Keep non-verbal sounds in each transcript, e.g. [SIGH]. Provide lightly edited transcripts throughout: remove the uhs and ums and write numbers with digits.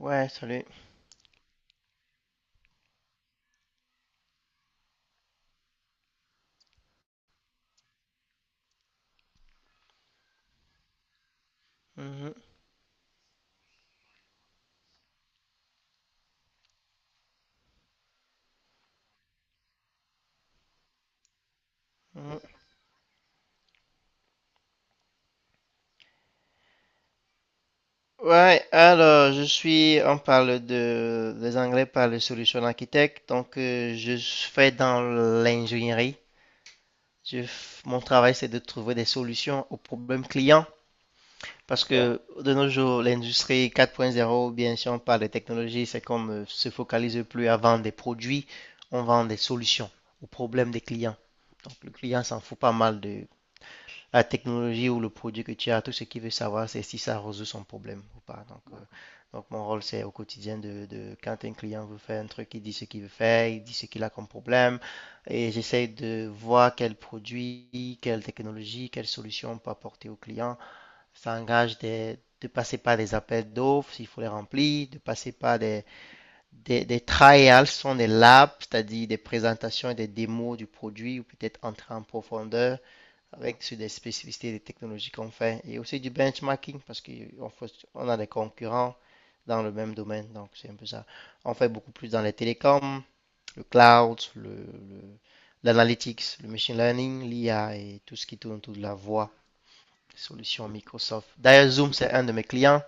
Ouais, salut. Mhm, mhm. Ouais, alors je suis, on parle de, les Anglais parlent de solution architecte, donc je fais dans l'ingénierie. Mon travail, c'est de trouver des solutions aux problèmes clients, parce que de nos jours, l'industrie 4.0, bien sûr, on parle des technologies, c'est comme ne se focalise plus à vendre des produits, on vend des solutions aux problèmes des clients. Donc le client s'en fout pas mal de la technologie ou le produit que tu as, tout ce qu'il veut savoir, c'est si ça résout son problème ou pas. Donc, mon rôle, c'est au quotidien quand un client veut faire un truc, il dit ce qu'il veut faire, il dit ce qu'il a comme problème, et j'essaie de voir quel produit, quelle technologie, quelle solution on peut apporter au client. Ça engage de passer par des appels d'offres s'il faut les remplir, de passer par des trials, ce sont des labs, c'est-à-dire des présentations et des démos du produit, ou peut-être entrer en profondeur avec sur des spécificités des technologies qu'on fait et aussi du benchmarking parce qu'on a des concurrents dans le même domaine. Donc, c'est un peu ça. On fait beaucoup plus dans les télécoms, le cloud, l'analytics, le machine learning, l'IA et tout ce qui tourne autour de la voix, les solutions Microsoft. D'ailleurs, Zoom, c'est un de mes clients.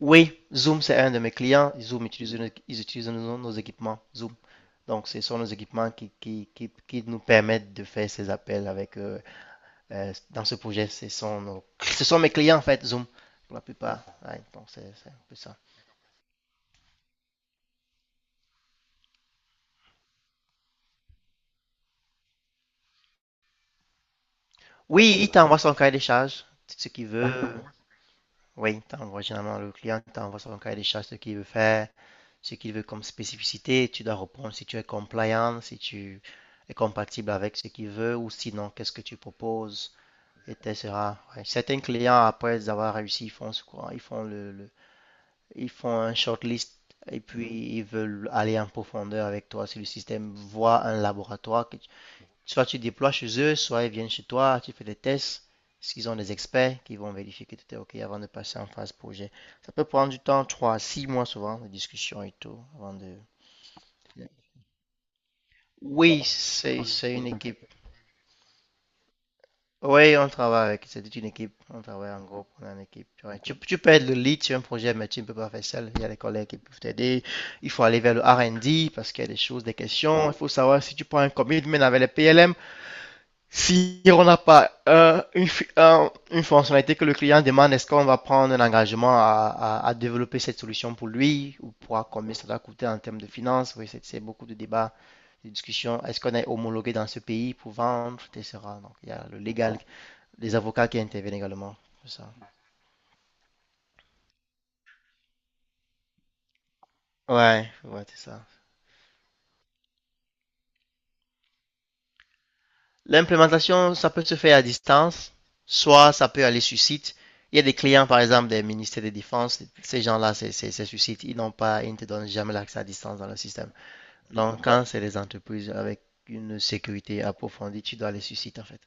Oui, Zoom, c'est un de mes clients. Zoom utilise, ils utilisent nos équipements Zoom. Donc, ce sont nos équipements qui nous permettent de faire ces appels avec eux dans ce projet. Ce sont mes clients, en fait, Zoom, pour la plupart. Ouais, donc, c'est un peu ça. Oui, il t'envoie son cahier des charges, ce qu'il veut. Oui, il t'envoie généralement le client, il t'envoie son cahier des charges, ce qu'il veut faire, ce qu'il veut comme spécificité. Tu dois répondre si tu es compliant, si tu es compatible avec ce qu'il veut, ou sinon, qu'est-ce que tu proposes, etc. Ouais. Certains clients, après avoir réussi, ils font, ce qu'on- ils font le, Ils font un shortlist et puis ils veulent aller en profondeur avec toi sur le système, voir un laboratoire. Soit tu déploies chez eux, soit ils viennent chez toi, tu fais des tests. S'ils ont des experts qui vont vérifier que tout est OK avant de passer en phase projet. Ça peut prendre du temps, 3 à 6 mois souvent, de discussion et tout, avant de... Oui, c'est une équipe. Oui, on travaille avec, c'est toute une équipe. On travaille en groupe, on est en équipe. Tu vois. Tu peux être le lead sur un projet, mais tu ne peux pas faire seul. Il y a des collègues qui peuvent t'aider. Il faut aller vers le R&D parce qu'il y a des choses, des questions. Il faut savoir si tu prends un commitment avec les PLM. Si on n'a pas une, une fonctionnalité que le client demande, est-ce qu'on va prendre un engagement à, à développer cette solution pour lui ou pour à combien ça va coûter en termes de finances? Oui, c'est beaucoup de débats, de discussions. Est-ce qu'on est homologué dans ce pays pour vendre, etc. Donc, il y a le légal les avocats qui interviennent également. C'est ça. Ouais, ouais, c'est ça. L'implémentation, ça peut se faire à distance, soit ça peut aller sur site. Il y a des clients, par exemple, des ministères de défense, ces gens-là, c'est sur site, ils n'ont pas, ils ne te donnent jamais l'accès à distance dans le système. Donc, quand c'est des entreprises avec une sécurité approfondie, tu dois aller sur site, en fait.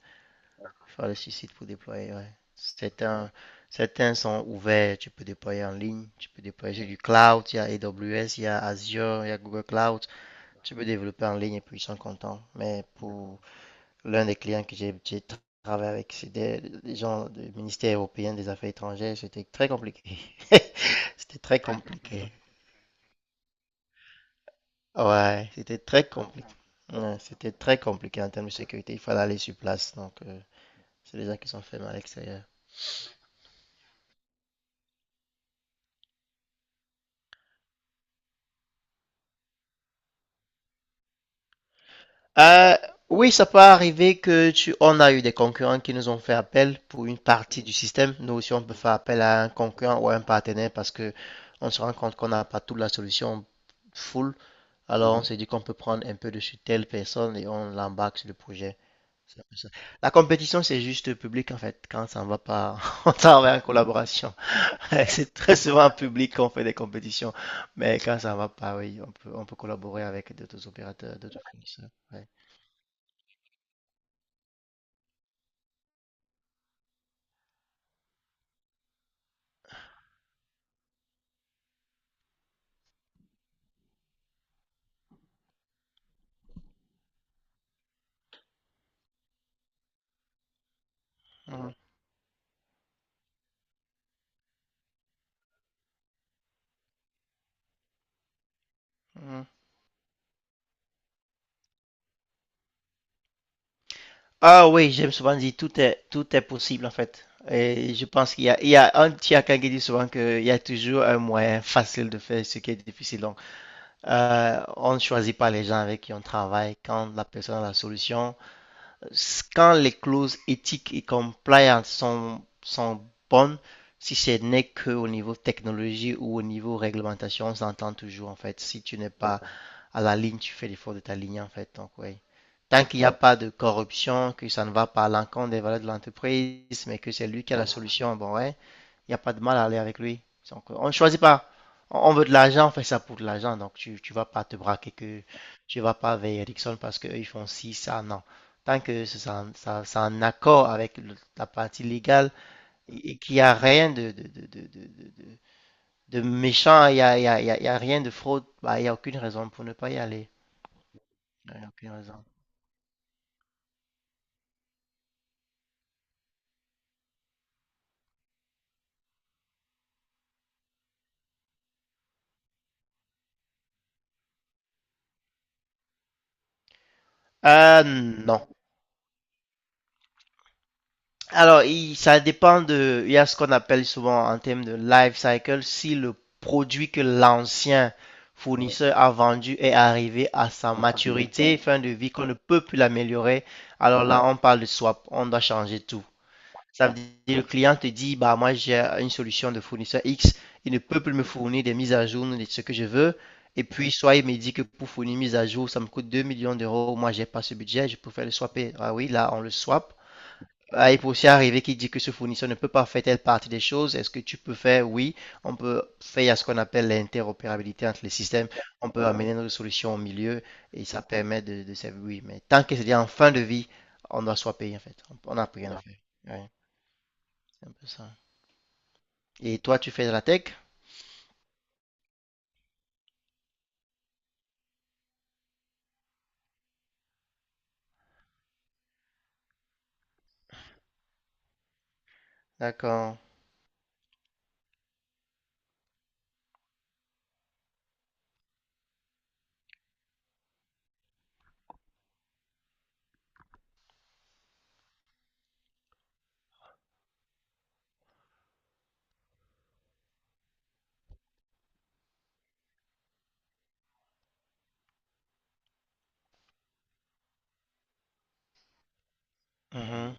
Il faut aller sur site pour déployer, ouais. Certains, certains sont ouverts, tu peux déployer en ligne, tu peux déployer du cloud, il y a AWS, il y a Azure, il y a Google Cloud. Tu peux développer en ligne et puis ils sont contents. Mais pour l'un des clients que j'ai travaillé avec, c'était des gens du ministère européen des Affaires étrangères. C'était très compliqué. [LAUGHS] C'était très compliqué. Ouais, c'était très compliqué. Ouais, c'était très compliqué en termes de sécurité. Il fallait aller sur place. Donc, c'est des gens qui sont faits mal à l'extérieur. Euh, oui, ça peut arriver que tu... On a eu des concurrents qui nous ont fait appel pour une partie du système. Nous aussi, on peut faire appel à un concurrent ou à un partenaire parce que on se rend compte qu'on n'a pas toute la solution full. Alors, on, mhm, s'est dit qu'on peut prendre un peu de sur telle personne et on l'embarque sur le projet. C'est un peu ça. La compétition, c'est juste public en fait. Quand ça ne va pas, [LAUGHS] on travaille en collaboration. [LAUGHS] C'est très souvent en public qu'on fait des compétitions. Mais quand ça ne va pas, oui, on peut collaborer avec d'autres opérateurs, d'autres fournisseurs. Ouais. Mhm. Ah oui, j'aime souvent dire tout est possible en fait. Et je pense qu'il y a un Thiaka qui dit souvent qu'il y a toujours un moyen facile de faire ce qui est difficile. Donc, on ne choisit pas les gens avec qui on travaille. Quand la personne a la solution, quand les clauses éthiques et compliance sont bonnes, si ce n'est qu'au niveau technologie ou au niveau réglementation, on s'entend toujours en fait. Si tu n'es pas à la ligne, tu fais l'effort de ta ligne en fait. Donc, oui. Tant qu'il n'y a pas de corruption, que ça ne va pas à l'encontre des valeurs de l'entreprise, mais que c'est lui qui a la solution, bon, ouais. Il n'y a pas de mal à aller avec lui. Donc, on ne choisit pas. On veut de l'argent, on fait ça pour de l'argent. Donc, tu ne vas pas te braquer que tu vas pas vers Ericsson parce qu'eux, ils font ci, ça, non. Tant que c'est en, c'est en accord avec la partie légale et qu'il n'y a rien de méchant, il y a rien de fraude, bah, il n'y a aucune raison pour ne pas y aller. Il n'y a aucune raison. Euh, non. Alors, ça dépend de. Il y a ce qu'on appelle souvent en termes de life cycle, si le produit que l'ancien fournisseur a vendu est arrivé à sa maturité, fin de vie, qu'on ne peut plus l'améliorer, alors là, on parle de swap, on doit changer tout. Ça veut dire le client te dit, bah moi j'ai une solution de fournisseur X, il ne peut plus me fournir des mises à jour de ce que je veux. Et puis, soit il me dit que pour fournir une mise à jour, ça me coûte 2 millions d'euros, moi j'ai pas ce budget, je peux faire le swapper. Ah oui, là on le swap. Ah, il peut aussi arriver qu'il dit que ce fournisseur ne peut pas faire telle partie des choses. Est-ce que tu peux faire? Oui, on peut faire ce qu'on appelle l'interopérabilité entre les systèmes. On peut amener notre solution au milieu et ça permet de servir. Oui, mais tant que c'est en fin de vie, on doit soit payer en fait. On n'a plus rien à faire. Ouais, c'est un peu ça. Et toi, tu fais de la tech? D'accord. Mhm.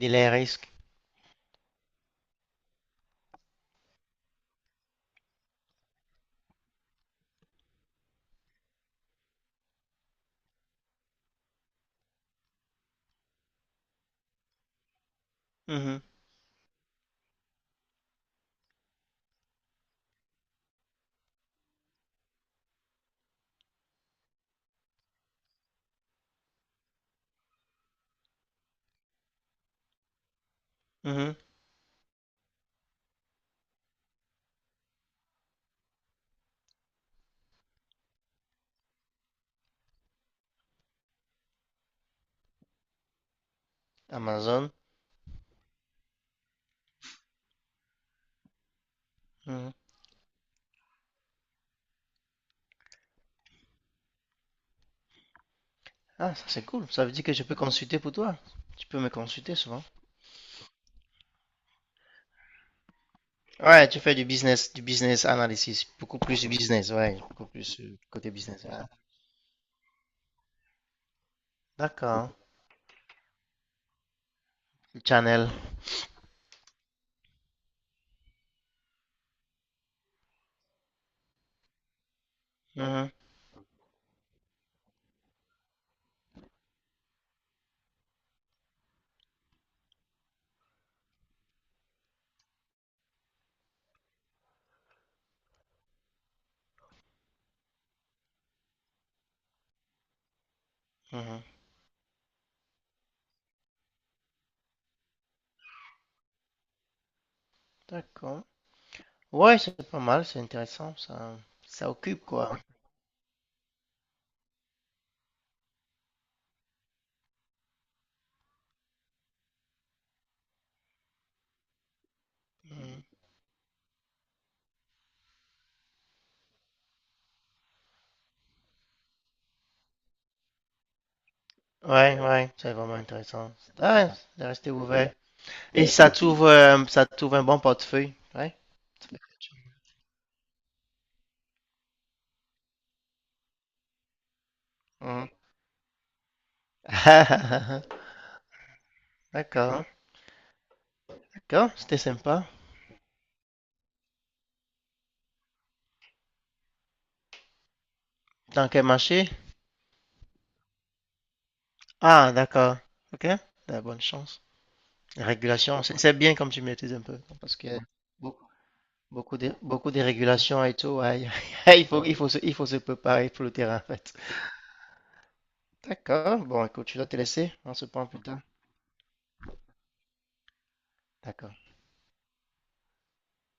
Delay risk. Mhm. Mhm. Amazon. Mhm. Ah, ça c'est cool. Ça veut dire que je peux consulter pour toi. Tu peux me consulter souvent. Ouais, tu fais du business analysis, beaucoup plus du business, ouais, beaucoup plus côté business. Ouais. D'accord, le channel. Mhm, mhm. D'accord. Ouais, c'est pas mal, c'est intéressant, ça occupe quoi. Mhm. Ouais, ouais, c'est vraiment intéressant. Ouais, de rester ouvert. Et ça t'ouvre un bon portefeuille, ouais. Mhm. [LAUGHS] D'accord, d'accord, c'était sympa. Dans quel marché? Ah, d'accord. Ok, t'as bonne chance. Régulation, c'est bien comme tu maîtrises un peu, parce que beaucoup de régulations et tout, ouais, [LAUGHS] il faut, il faut se préparer pour le terrain en fait. D'accord, bon écoute, je dois te laisser, on se prend plus tard. D'accord.